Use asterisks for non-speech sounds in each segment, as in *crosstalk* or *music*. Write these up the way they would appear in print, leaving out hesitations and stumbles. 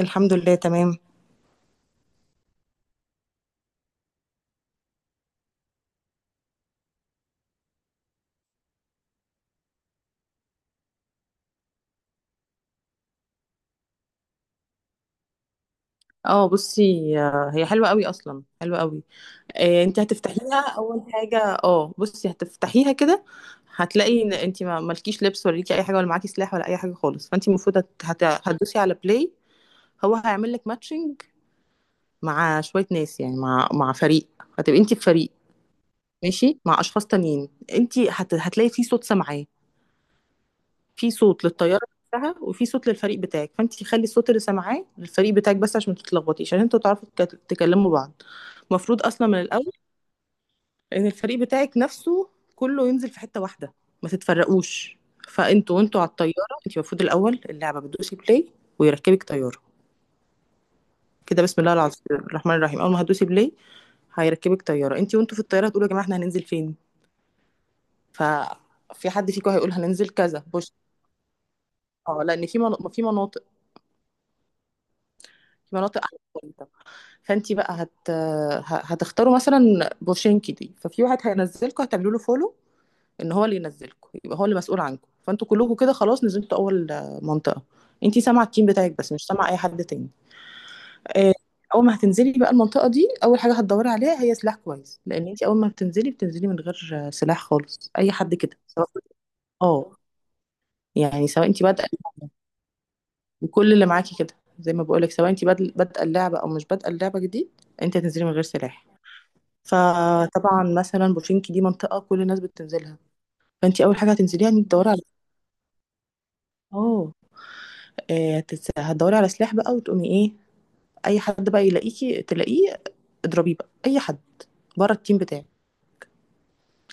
الحمد لله تمام. اه بصي، هي حلوة قوي، اصلا حلوة قوي. انت هتفتحيها اول حاجة. اه بصي، هتفتحيها كده. هتلاقي ان انت ما مالكيش لبس، ولا ليكي اي حاجة، ولا معاكي سلاح، ولا اي حاجة خالص. فانت المفروض هتدوسي على بلاي. هو هيعمل لك ماتشنج مع شوية ناس، يعني مع فريق. هتبقي انت في فريق ماشي مع اشخاص تانيين. انت هتلاقي في صوت سامعاه، في صوت للطياره نفسها، وفي صوت للفريق بتاعك. فانت خلي الصوت اللي سامعاه للفريق بتاعك بس، عشان ما تتلخبطيش، عشان انتوا تعرفوا تكلموا بعض. المفروض اصلا من الاول ان الفريق بتاعك نفسه كله ينزل في حته واحده، ما تتفرقوش. فانتوا وانتوا على الطياره، انت المفروض الاول اللعبه بتدوسي بلاي، ويركبك طياره. كده بسم الله العظيم الرحمن الرحيم، اول ما هتدوسي بلاي هيركبك طياره. انت وانتوا في الطياره هتقولوا يا جماعه احنا هننزل فين، ف في حد فيكم هيقول هننزل كذا بوش. اه، لان في في مناطق، في مناطق احسن. فانت بقى هتختاروا مثلا بورشينكي دي. ففي واحد هينزلكم، هتعملوا له فولو ان هو اللي ينزلكم، يبقى هو اللي مسؤول عنكم. فانتوا كلكم كده خلاص نزلتوا اول منطقه. انت سامعه التيم بتاعك بس، مش سامعه اي حد تاني. آه، اول ما هتنزلي بقى المنطقه دي، اول حاجه هتدوري عليها هي سلاح كويس، لان انت اول ما بتنزلي بتنزلي من غير سلاح خالص، اي حد كده سواء. اه، يعني سواء انت بادئه وكل اللي معاكي كده، زي ما بقولك سواء انت بادئه اللعبه او مش بادئه اللعبه جديد، انت هتنزلي من غير سلاح. فطبعا مثلا بوشينكي دي منطقة كل الناس بتنزلها، فانتي اول حاجة هتنزليها انك تدوري على. اه، هتدوري على سلاح بقى، وتقومي ايه؟ اي حد بقى يلاقيكي تلاقيه اضربيه بقى، اي حد بره التيم بتاعك.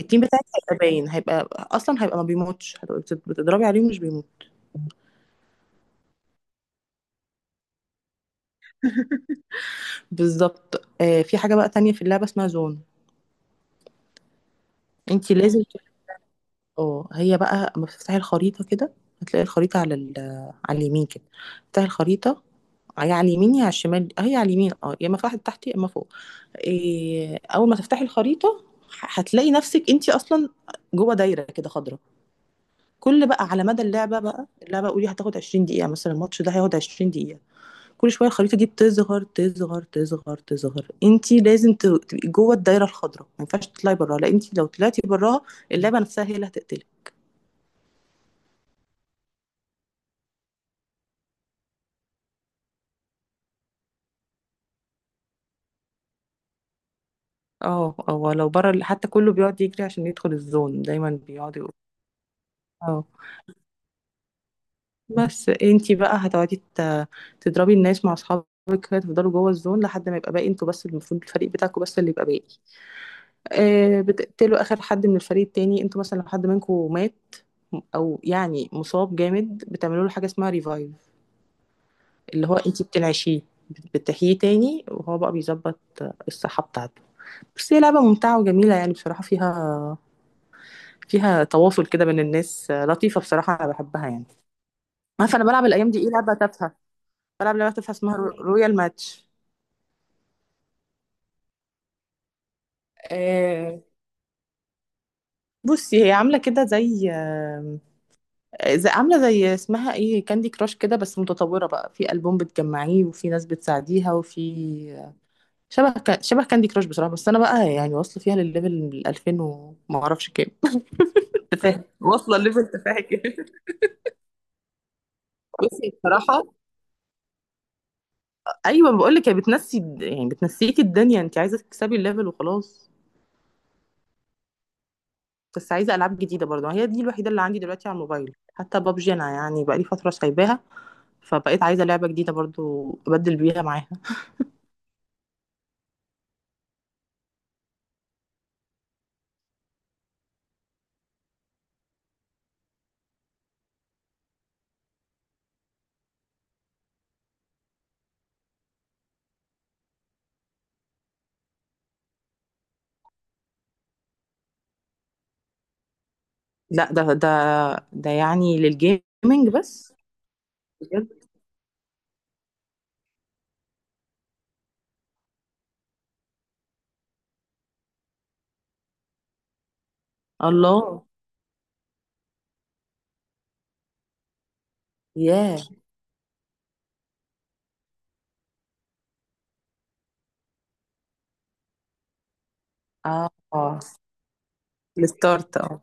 التيم بتاعك هيبقى باين، هيبقى اصلا هيبقى ما بيموتش، هتبقى بتضربي عليه ومش بيموت. بالظبط. في حاجة بقى تانية في اللعبة اسمها زون، انتي لازم. اه، هي بقى اما بتفتحي الخريطة كده هتلاقي الخريطة على على اليمين كده، تفتحي الخريطة. هي على اليمين يا على الشمال، هي على اليمين اه، يا اما فتحت تحت يا اما فوق. اول ما تفتحي الخريطة هتلاقي نفسك انت اصلا جوه دايرة كده خضراء. كل بقى على مدى اللعبة بقى، اللعبة قولي هتاخد 20 دقيقة مثلا، الماتش ده هياخد 20 دقيقة. كل شوية الخريطة دي بتصغر تصغر تصغر تصغر، انت لازم تبقي جوه الدايرة الخضراء، ما ينفعش تطلعي براها، لان انت لو طلعتي براها اللعبة نفسها هي اللي هتقتلك. اه اه، لو بره حتى كله بيقعد يجري عشان يدخل الزون، دايما بيقعد يقول. اه، بس انتي بقى تضربي الناس مع اصحابك كده، تفضلوا جوه الزون لحد ما يبقى باقي انتوا بس، المفروض الفريق بتاعكوا بس اللي يبقى باقي. آه، بتقتلوا اخر حد من الفريق التاني. انتوا مثلا لو حد منكم مات او يعني مصاب جامد، بتعملوا له حاجه اسمها ريفايف، اللي هو انتي بتنعشيه، بتحييه تاني، وهو بقى بيظبط الصحه بتاعته. بس هي لعبه ممتعه وجميله يعني، بصراحه فيها تواصل كده بين الناس، لطيفة بصراحة، أنا بحبها يعني. عارفة أنا بلعب الأيام دي إيه؟ لعبة تافهة. بلعب لعبة تافهة اسمها رويال ماتش. آه، بصي، هي عاملة كده زي، عاملة زي اسمها إيه، كاندي كراش كده، بس متطورة بقى، في ألبوم بتجمعيه، وفي ناس بتساعديها، وفي آه، شبه شبه كاندي كراش بصراحة. بس أنا بقى يعني واصلة فيها للليفل 2000 وما أعرفش كام. *laughs* تفاهة واصلة الليفل تفاهة كده. بصي بصراحة، ايوه بقول لك هي بتنسي يعني بتنسيكي الدنيا، انت عايزه تكسبي الليفل وخلاص. بس عايزه العاب جديده برضه، هي دي الوحيده اللي عندي دلوقتي على الموبايل. حتى بابجي انا يعني بقالي فتره سايباها، فبقيت عايزه لعبه جديده برضه ابدل بيها معاها. لا ده ده يعني للجيمنج بس. بجد؟ الله. ياه. اه، الستارت، اه.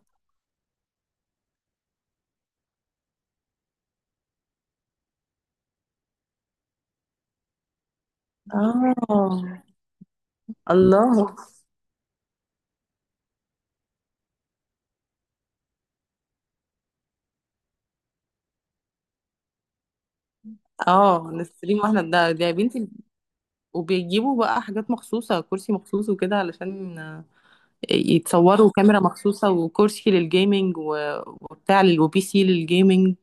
اه، الله. اه، نستريم واحنا؟ ده يا بنتي. وبيجيبوا بقى حاجات مخصوصه، كرسي مخصوص وكده علشان يتصوروا، كاميرا مخصوصة، وكرسي للجيمنج، وبي سي للجيمنج.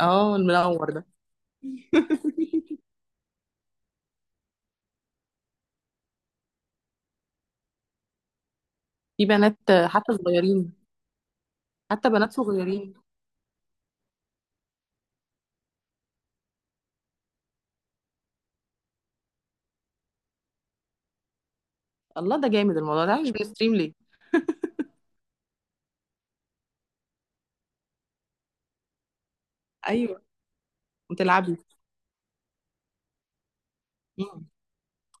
اه، المنور ده. *laughs* في بنات، حتى صغيرين، حتى بنات صغيرين. الله، ده جامد الموضوع ده، مش بنستريم ليه؟ ايوه وتلعبي. مم.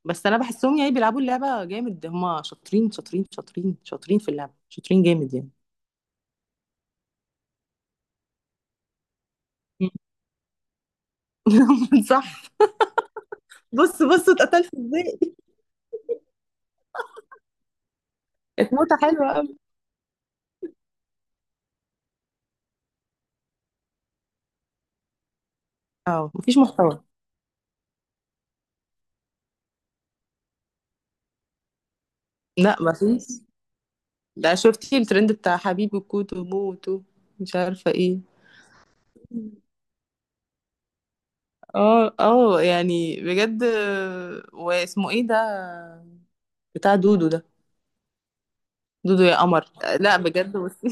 بس انا بحسهم يعني بيلعبوا اللعبة جامد، هما شاطرين شاطرين شاطرين شاطرين في اللعبة، شاطرين جامد يعني. مم. *laughs* صح. بص بص اتقتلت ازاي، اتموتة حلوة قوي. اه، مفيش محتوى. لا، مفيش. ده شفتي الترند بتاع حبيبي كوتو موتو، مش عارفة ايه. اه اه، يعني بجد. واسمه ايه ده، بتاع دودو ده، دودو يا قمر. لا بجد بصي،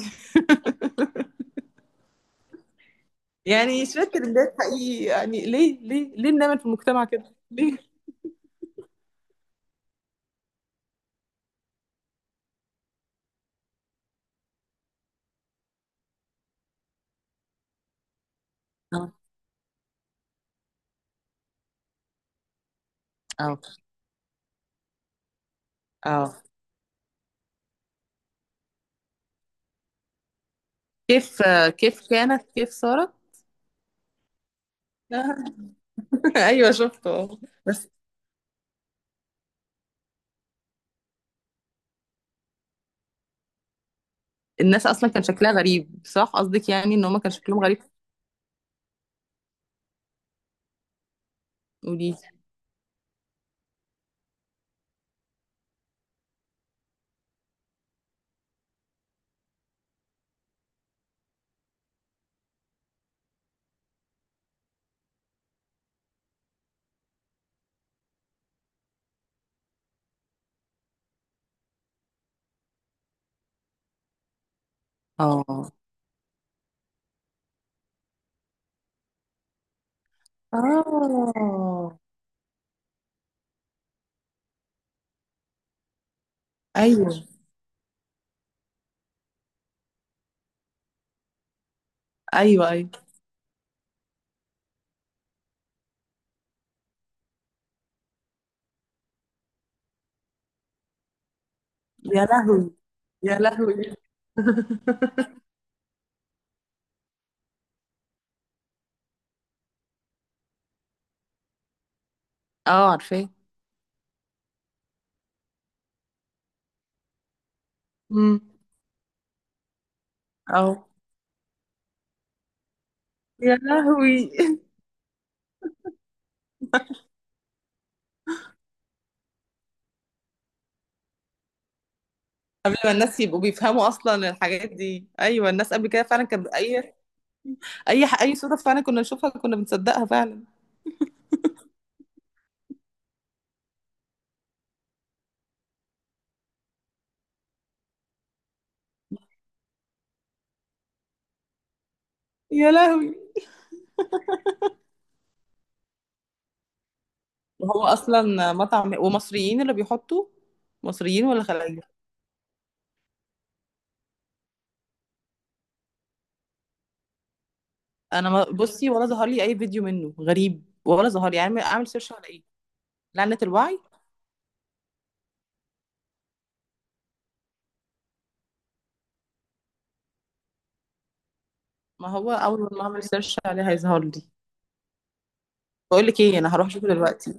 *laughs* يعني شوية ترندات حقيقي، يعني ليه ليه ليه بنعمل في المجتمع كده ليه؟ اه اه اه، كيف، كيف كانت كيف صارت. *laughs* ايوه شفته اه. بس الناس اصلا كان شكلها غريب، صح؟ قصدك يعني ان هما كان شكلهم غريب. قولي. اه اه، ايوه ايوه ايوه. يا لهوي، يا لهوي. *laughs* اه، عارفاه. امم. اه، يا لهوي. *laughs* قبل ما الناس يبقوا بيفهموا اصلا الحاجات دي، ايوه الناس قبل كده فعلا كانت اي اي اي صوره فعلا كنا نشوفها كنا بنصدقها فعلا. يا لهوي. وهو اصلا مطعم؟ ومصريين اللي بيحطوا، مصريين ولا خلايجة؟ انا بصي، ولا ظهر لي اي فيديو منه غريب، ولا ظهر لي. يعني اعمل سيرش على ايه، لعنة الوعي؟ ما هو اول ما اعمل سيرش عليه هيظهر لي. بقول لك ايه، انا هروح اشوفه دلوقتي.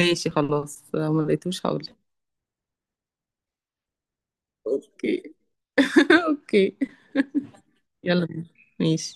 ماشي خلاص، لو ما لقيتوش هقول. اوكي. *laughs* اوكي. يلا بينا. ماشي.